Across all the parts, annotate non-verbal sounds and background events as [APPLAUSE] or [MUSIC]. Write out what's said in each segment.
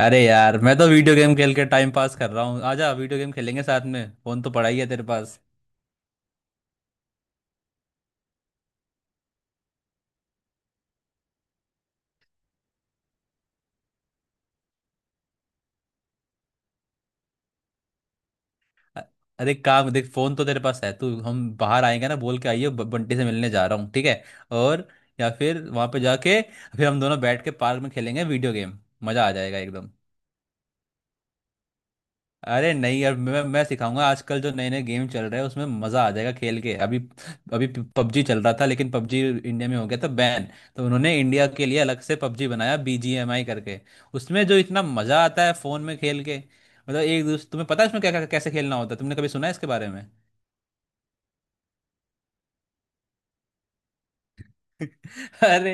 अरे यार मैं तो वीडियो गेम खेल के टाइम पास कर रहा हूँ। आजा वीडियो गेम खेलेंगे साथ में, फोन तो पड़ा ही है तेरे पास। अ- अरे काम देख, फोन तो तेरे पास है। तू हम बाहर आएंगे ना, बोल के आइयो बंटी से मिलने जा रहा हूँ, ठीक है। और या फिर वहां पे जाके फिर हम दोनों बैठ के पार्क में खेलेंगे वीडियो गेम। मजा आ जाएगा एकदम। अरे नहीं यार, मैं सिखाऊंगा। आजकल जो नए नए गेम चल रहे हैं उसमें मजा आ जाएगा खेल के। अभी अभी पबजी चल रहा था, लेकिन पबजी इंडिया में हो गया था बैन। तो उन्होंने इंडिया के लिए अलग से पबजी बनाया, बीजीएमआई करके। उसमें जो इतना मजा आता है फोन में खेल के, मतलब एक दूसरे, तुम्हें पता है उसमें क्या क्या- कैसे खेलना होता है? तुमने कभी सुना है इसके बारे में? [LAUGHS] अरे,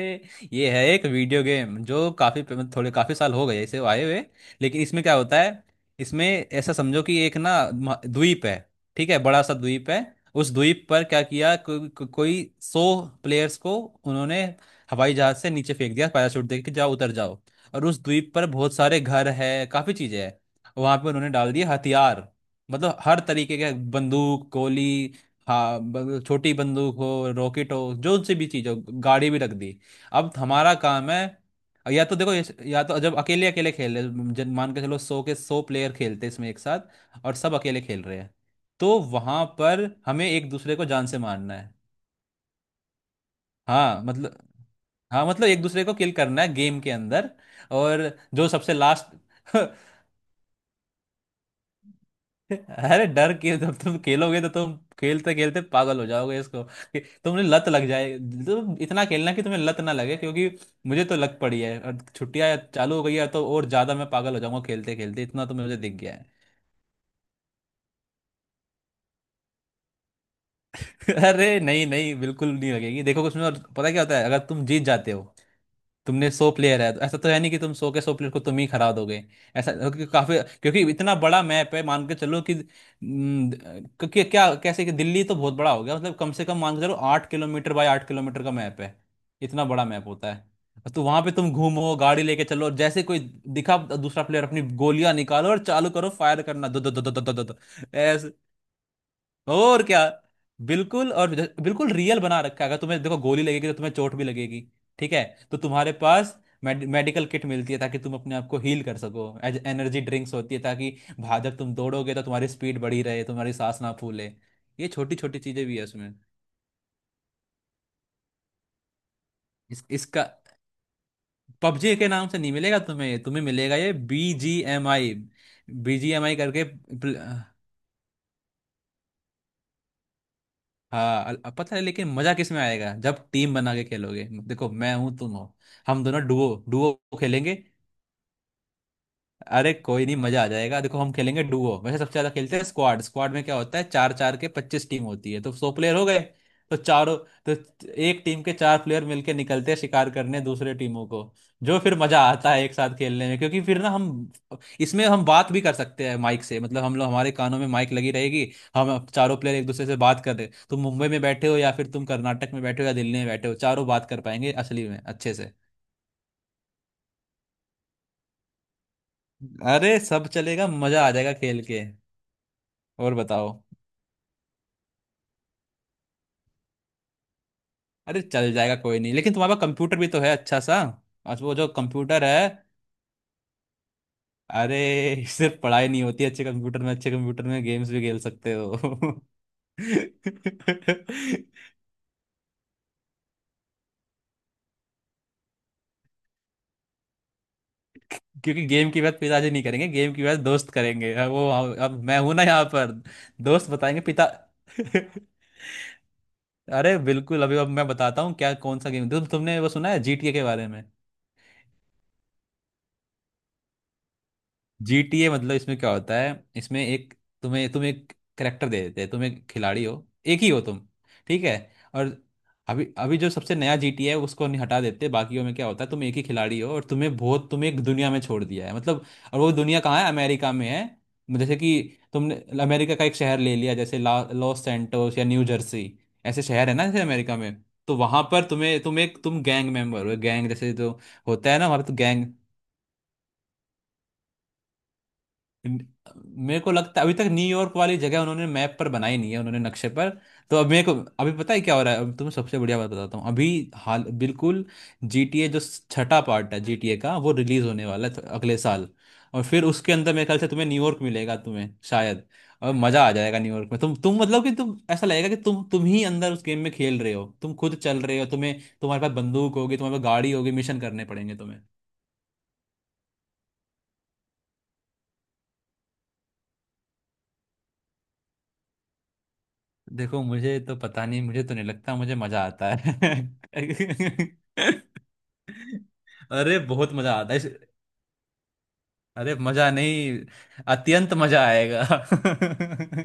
ये है एक वीडियो गेम जो काफी, थोड़े काफी साल हो गए इसे आए हुए। लेकिन इसमें क्या होता है, इसमें ऐसा समझो कि एक ना द्वीप है। ठीक है, बड़ा सा द्वीप है। उस द्वीप पर क्या किया, कोई 100 प्लेयर्स को उन्होंने हवाई जहाज से नीचे फेंक दिया, पैराशूट दे के, जाओ उतर जाओ। और उस द्वीप पर बहुत सारे घर है, काफी चीजें हैं। वहां पे उन्होंने डाल दिए हथियार, मतलब हर तरीके के। बंदूक, गोली, हाँ, छोटी बंदूक हो, रॉकेट हो, जो सी भी चीज हो। गाड़ी भी रख दी। अब हमारा काम है, या तो जब अकेले अकेले खेल रहे, जन मान के चलो 100 के 100 प्लेयर खेलते इसमें एक साथ और सब अकेले खेल रहे हैं। तो वहां पर हमें एक दूसरे को जान से मारना है। हाँ मतलब, एक दूसरे को किल करना है गेम के अंदर। और जो सबसे लास्ट। [LAUGHS] अरे, डर के जब तुम खेलोगे तो तुम खेलते खेलते पागल हो जाओगे इसको कि तुमने लत लग जाए। तुम इतना खेलना कि तुम्हें लत ना लगे, क्योंकि मुझे तो लग पड़ी है। और छुट्टियां चालू हो गई है तो और ज्यादा मैं पागल हो जाऊंगा खेलते खेलते, इतना तो मुझे दिख गया है। [LAUGHS] अरे, नहीं नहीं, बिल्कुल नहीं लगेगी। देखो उसमें और पता क्या होता है अगर तुम जीत जाते हो। तुमने 100 प्लेयर है तो ऐसा तो है नहीं कि तुम 100 के 100 प्लेयर को तुम ही हरा दोगे। ऐसा क्योंकि काफी, क्योंकि इतना बड़ा मैप है, मान के चलो कि क्योंकि क्या कैसे कि दिल्ली तो बहुत बड़ा हो गया, मतलब कम से कम मान के चलो 8 किलोमीटर बाय 8 किलोमीटर का मैप है। इतना बड़ा मैप होता है। तो वहां पे तुम घूमो, गाड़ी लेके चलो, जैसे कोई दिखा दूसरा प्लेयर अपनी गोलियां निकालो और चालू करो फायर करना, दो दो दो दो दो दो दो दो। ऐसे। और क्या, बिल्कुल। और बिल्कुल रियल बना रखा है। अगर तुम्हें देखो गोली लगेगी तो तुम्हें चोट भी लगेगी, ठीक है। तो तुम्हारे पास मेडिकल किट मिलती है ताकि तुम अपने आप को हील कर सको। एज एनर्जी ड्रिंक्स होती है ताकि जब तुम दौड़ोगे तो तुम्हारी स्पीड बढ़ी रहे, तुम्हारी सांस ना फूले। ये छोटी छोटी चीजें भी है उसमें। इसका पबजी के नाम से नहीं मिलेगा तुम्हें, ये तुम्हें मिलेगा ये B G M I. B G M I करके। हाँ, अब पता है, लेकिन मजा किस में आएगा जब टीम बना के खेलोगे। देखो मैं हूं तुम हो, हम दोनों डुओ डुओ खेलेंगे। अरे कोई नहीं, मजा आ जाएगा। देखो हम खेलेंगे डुओ, वैसे सबसे ज्यादा खेलते हैं स्क्वाड। स्क्वाड में क्या होता है, 4 4 के 25 टीम होती है तो 100 प्लेयर हो गए। तो चारों, तो एक टीम के 4 प्लेयर मिलके निकलते हैं शिकार करने दूसरे टीमों को। जो फिर मजा आता है एक साथ खेलने में, क्योंकि फिर ना हम, इसमें हम बात भी कर सकते हैं माइक से। मतलब हम लोग, हमारे कानों में माइक लगी रहेगी। हम चारों प्लेयर एक दूसरे से बात कर रहे, तुम मुंबई में बैठे हो या फिर तुम कर्नाटक में बैठे हो या दिल्ली में बैठे हो, चारों बात कर पाएंगे असली में अच्छे से। अरे सब चलेगा, मजा आ जाएगा खेल के। और बताओ। अरे चल जाएगा कोई नहीं, लेकिन तुम्हारे पास कंप्यूटर भी तो है अच्छा सा। आज वो जो कंप्यूटर है, अरे [LAUGHS] सिर्फ पढ़ाई नहीं होती अच्छे कंप्यूटर में, गेम्स भी खेल सकते हो। [LAUGHS] क्योंकि गेम की बात पिताजी नहीं करेंगे, गेम की बात दोस्त करेंगे। अब वो, अब मैं हूं ना यहाँ पर। दोस्त बताएंगे पिता। [LAUGHS] अरे बिल्कुल। अभी अब मैं बताता हूँ क्या कौन सा गेम, तुमने वो सुना है जीटीए के बारे में? जीटीए मतलब इसमें क्या होता है, इसमें एक, तुम्हें तुम्हें एक करेक्टर दे देते हैं। तुम एक खिलाड़ी हो, एक ही हो तुम। ठीक है। और अभी अभी जो सबसे नया जीटीए है उसको नहीं हटा देते। बाकियों में क्या होता है, तुम एक ही खिलाड़ी हो और तुम्हें बहुत, तुम्हें एक दुनिया में छोड़ दिया है मतलब। और वो दुनिया कहाँ है, अमेरिका में है। जैसे कि तुमने अमेरिका का एक शहर ले लिया, जैसे ला लॉस सैंटोस या न्यू जर्सी। ऐसे शहर है ना जैसे अमेरिका में। तो वहां पर तुम्हें, तुम गैंग मेंबर हो। गैंग जैसे जो होता है ना वहां पे, तो गैंग। मेरे को लगता है अभी तक न्यूयॉर्क वाली जगह उन्होंने मैप पर बनाई नहीं है, उन्होंने नक्शे पर। तो अब मेरे को, अभी पता है क्या हो रहा है। अब तुम्हें सबसे बढ़िया बात बताता हूँ अभी, हाल बिल्कुल। GTA जो छठा पार्ट है GTA का, वो रिलीज होने वाला है अगले साल। और फिर उसके अंदर मेरे ख्याल से तुम्हें न्यूयॉर्क मिलेगा तुम्हें शायद। और मजा आ जाएगा न्यूयॉर्क में। तुम मतलब कि तुम, ऐसा लगेगा कि तुम ही अंदर उस गेम में खेल रहे हो, तुम खुद चल रहे हो। तुम्हें, तुम्हारे पास बंदूक होगी, तुम्हारे पास गाड़ी होगी, मिशन करने पड़ेंगे तुम्हें। देखो मुझे तो पता नहीं, मुझे तो नहीं लगता, मुझे मजा आता है। [LAUGHS] अरे बहुत मजा आता है अरे मजा नहीं, अत्यंत मजा आएगा। [LAUGHS]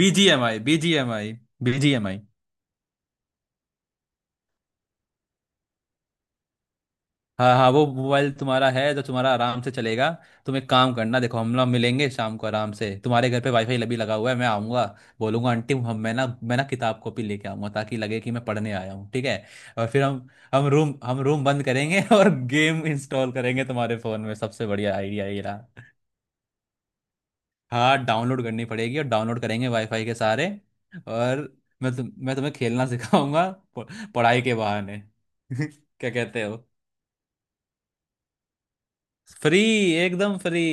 BGMI, BGMI, BGMI. हाँ हाँ, वो मोबाइल तुम्हारा है जो तुम्हारा आराम से चलेगा। तुम एक काम करना, देखो हम लोग मिलेंगे शाम को आराम से तुम्हारे घर पे। वाईफाई लबी लगा हुआ है, मैं आऊँगा। बोलूँगा आंटी, हम मैं ना किताब कॉपी लेके आऊँगा ताकि लगे कि मैं पढ़ने आया हूँ, ठीक है। और फिर हम, हम रूम बंद करेंगे [LAUGHS] और गेम इंस्टॉल करेंगे तुम्हारे फ़ोन में। सबसे बढ़िया आइडिया ये रहा। हाँ डाउनलोड करनी पड़ेगी, और डाउनलोड करेंगे वाईफाई के सहारे। और मैं तुम्हें खेलना [LAUGHS] सिखाऊंगा, प- पढ़ाई के बहाने। [LAUGHS] क्या कहते हो। फ्री, एकदम फ्री।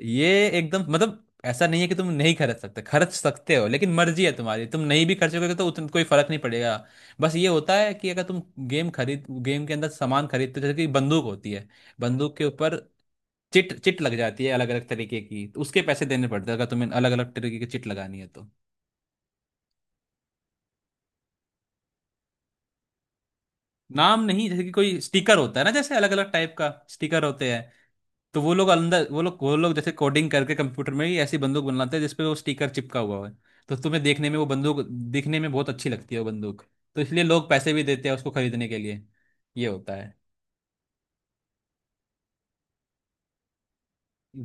ये एकदम, मतलब ऐसा नहीं है कि तुम नहीं खरीद सकते, खर्च सकते हो। लेकिन मर्जी है तुम्हारी, तुम नहीं भी खर्चोगे तो उतना कोई फर्क नहीं पड़ेगा। बस ये होता है कि अगर तुम गेम खरीद, गेम के अंदर सामान खरीदते हो जैसे कि बंदूक होती है। बंदूक के ऊपर चिट चिट लग जाती है अलग अलग तरीके की, तो उसके पैसे देने पड़ते हैं अगर तुम्हें अलग अलग तरीके की चिट लगानी है तो। नाम नहीं, जैसे कि कोई स्टिकर होता है ना, जैसे अलग अलग टाइप का स्टिकर होते हैं। तो वो लोग अंदर वो लोग जैसे कोडिंग करके कंप्यूटर में ही ऐसी बंदूक बनाते हैं जिसपे वो स्टिकर चिपका हुआ है। तो तुम्हें देखने में वो बंदूक दिखने में बहुत अच्छी लगती है वो बंदूक। तो इसलिए लोग पैसे भी देते हैं उसको खरीदने के लिए। ये होता है।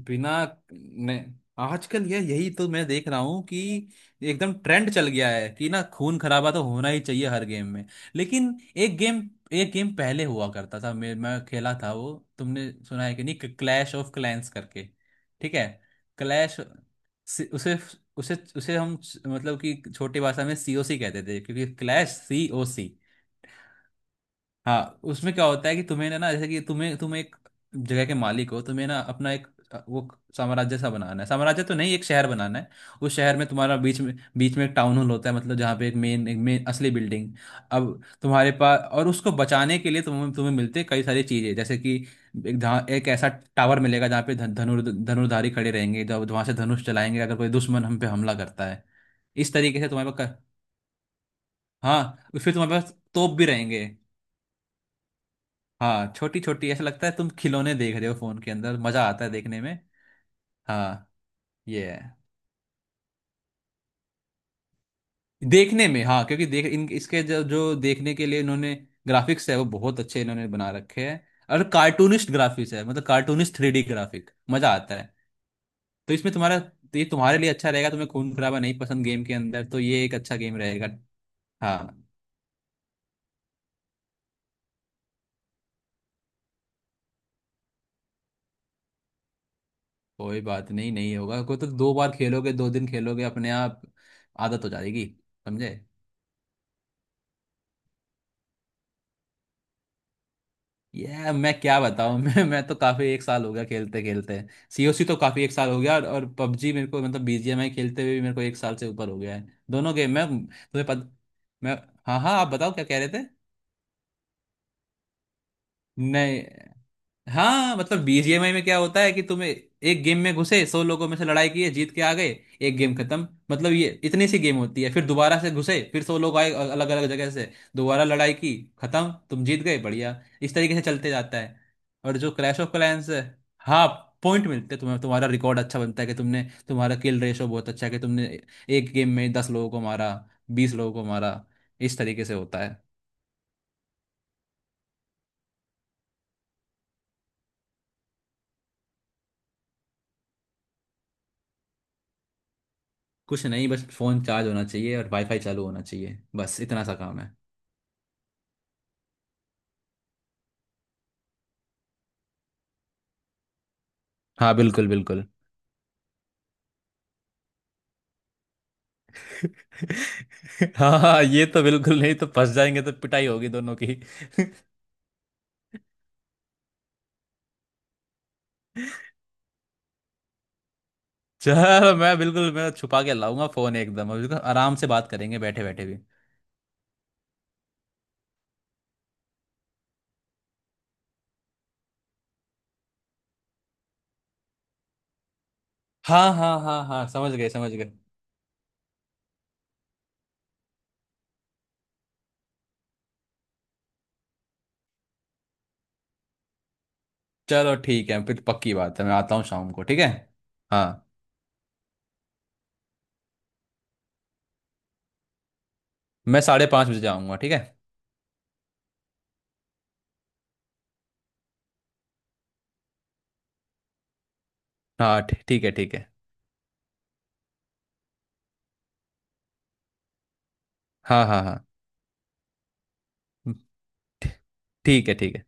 बिना ने आजकल ये यही तो मैं देख रहा हूँ कि एकदम ट्रेंड चल गया है कि ना, खून खराबा तो होना ही चाहिए हर गेम में। लेकिन एक गेम, पहले हुआ करता था, मैं खेला था वो। तुमने सुना है कि नहीं, क्लैश ऑफ क्लैंस करके? ठीक है। क्लैश, उसे उसे उसे हम मतलब कि छोटी भाषा में सीओसी कहते थे, क्योंकि क्लैश, सीओसी। हाँ, उसमें क्या होता है कि तुम्हें ना ना, जैसे कि तुम्हें तुम एक जगह के मालिक हो, तुम्हें ना अपना एक वो साम्राज्य सा बनाना है, साम्राज्य तो नहीं एक शहर बनाना है। उस शहर में तुम्हारा बीच में एक टाउन हॉल होता है, मतलब जहाँ पे एक मेन असली बिल्डिंग। अब तुम्हारे पास और उसको बचाने के लिए तुम्हें तुम्हें मिलते हैं कई सारी चीजें, जैसे कि एक जहाँ एक ऐसा टावर मिलेगा जहाँ पे धनुर्धारी खड़े रहेंगे। जब वहां से धनुष चलाएंगे अगर कोई दुश्मन हम पे हमला करता है। इस तरीके से तुम्हारे पास हाँ, फिर तुम्हारे पास तोप भी रहेंगे। हाँ छोटी छोटी, ऐसा लगता है तुम खिलौने देख रहे हो फोन के अंदर, मजा आता है देखने में। हाँ, ये है। देखने में हाँ, क्योंकि देख इन इसके जो जो देखने के लिए इन्होंने, ग्राफिक्स है वो बहुत अच्छे इन्होंने बना रखे हैं। और कार्टूनिस्ट ग्राफिक्स है मतलब, कार्टूनिस्ट थ्री डी ग्राफिक, मजा आता है। तो इसमें तुम्हारा तो ये तुम्हारे लिए अच्छा रहेगा, तुम्हें खून खराबा नहीं पसंद गेम के अंदर, तो ये एक अच्छा गेम रहेगा। हाँ। कोई बात नहीं, नहीं होगा कोई। तो दो बार खेलोगे, दो दिन खेलोगे, अपने आप आदत हो जाएगी। समझे। ये मैं क्या बताऊं, [LAUGHS] मैं तो काफी एक साल हो गया खेलते खेलते। सीओसी तो काफी एक साल हो गया, और पबजी मेरे को मतलब बीजीएमआई खेलते हुए भी मेरे को एक साल से ऊपर हो गया है दोनों गेम, मैं तुम्हें पता। मैं, हाँ हाँ, आप बताओ क्या कह रहे थे। नहीं, हाँ मतलब बीजीएमआई में क्या होता है कि तुम एक गेम में घुसे, 100 लोगों में से लड़ाई की है, जीत के आ गए, एक गेम खत्म। मतलब ये इतनी सी गेम होती है। फिर दोबारा से घुसे, फिर 100 लोग आए अलग अलग जगह से, दोबारा लड़ाई की, खत्म, तुम जीत गए, बढ़िया। इस तरीके से चलते जाता है। और जो क्लैश ऑफ क्लैंस है, हाँ, पॉइंट मिलते हैं तुम्हें, तुम्हारा रिकॉर्ड अच्छा बनता है कि तुमने, तुम्हारा किल रेशो बहुत अच्छा है कि तुमने एक गेम में 10 लोगों को मारा, 20 लोगों को मारा। इस तरीके से होता है। कुछ नहीं, बस फोन चार्ज होना चाहिए और वाईफाई चालू होना चाहिए, बस इतना सा काम है। हाँ बिल्कुल, बिल्कुल। [LAUGHS] हाँ हाँ, ये तो बिल्कुल नहीं, तो फंस जाएंगे तो पिटाई होगी दोनों की। [LAUGHS] चल, मैं छुपा के लाऊंगा फोन एकदम। अभी तो आराम से बात करेंगे बैठे बैठे भी। हाँ हाँ हाँ हाँ, समझ गए, समझ गए। चलो ठीक है, फिर पक्की बात है, मैं आता हूँ शाम को, ठीक है। हाँ, मैं 5:30 बजे जाऊँगा, ठीक है। हाँ ठीक है, ठीक है। हाँ हाँ हाँ, ठीक है, ठीक है।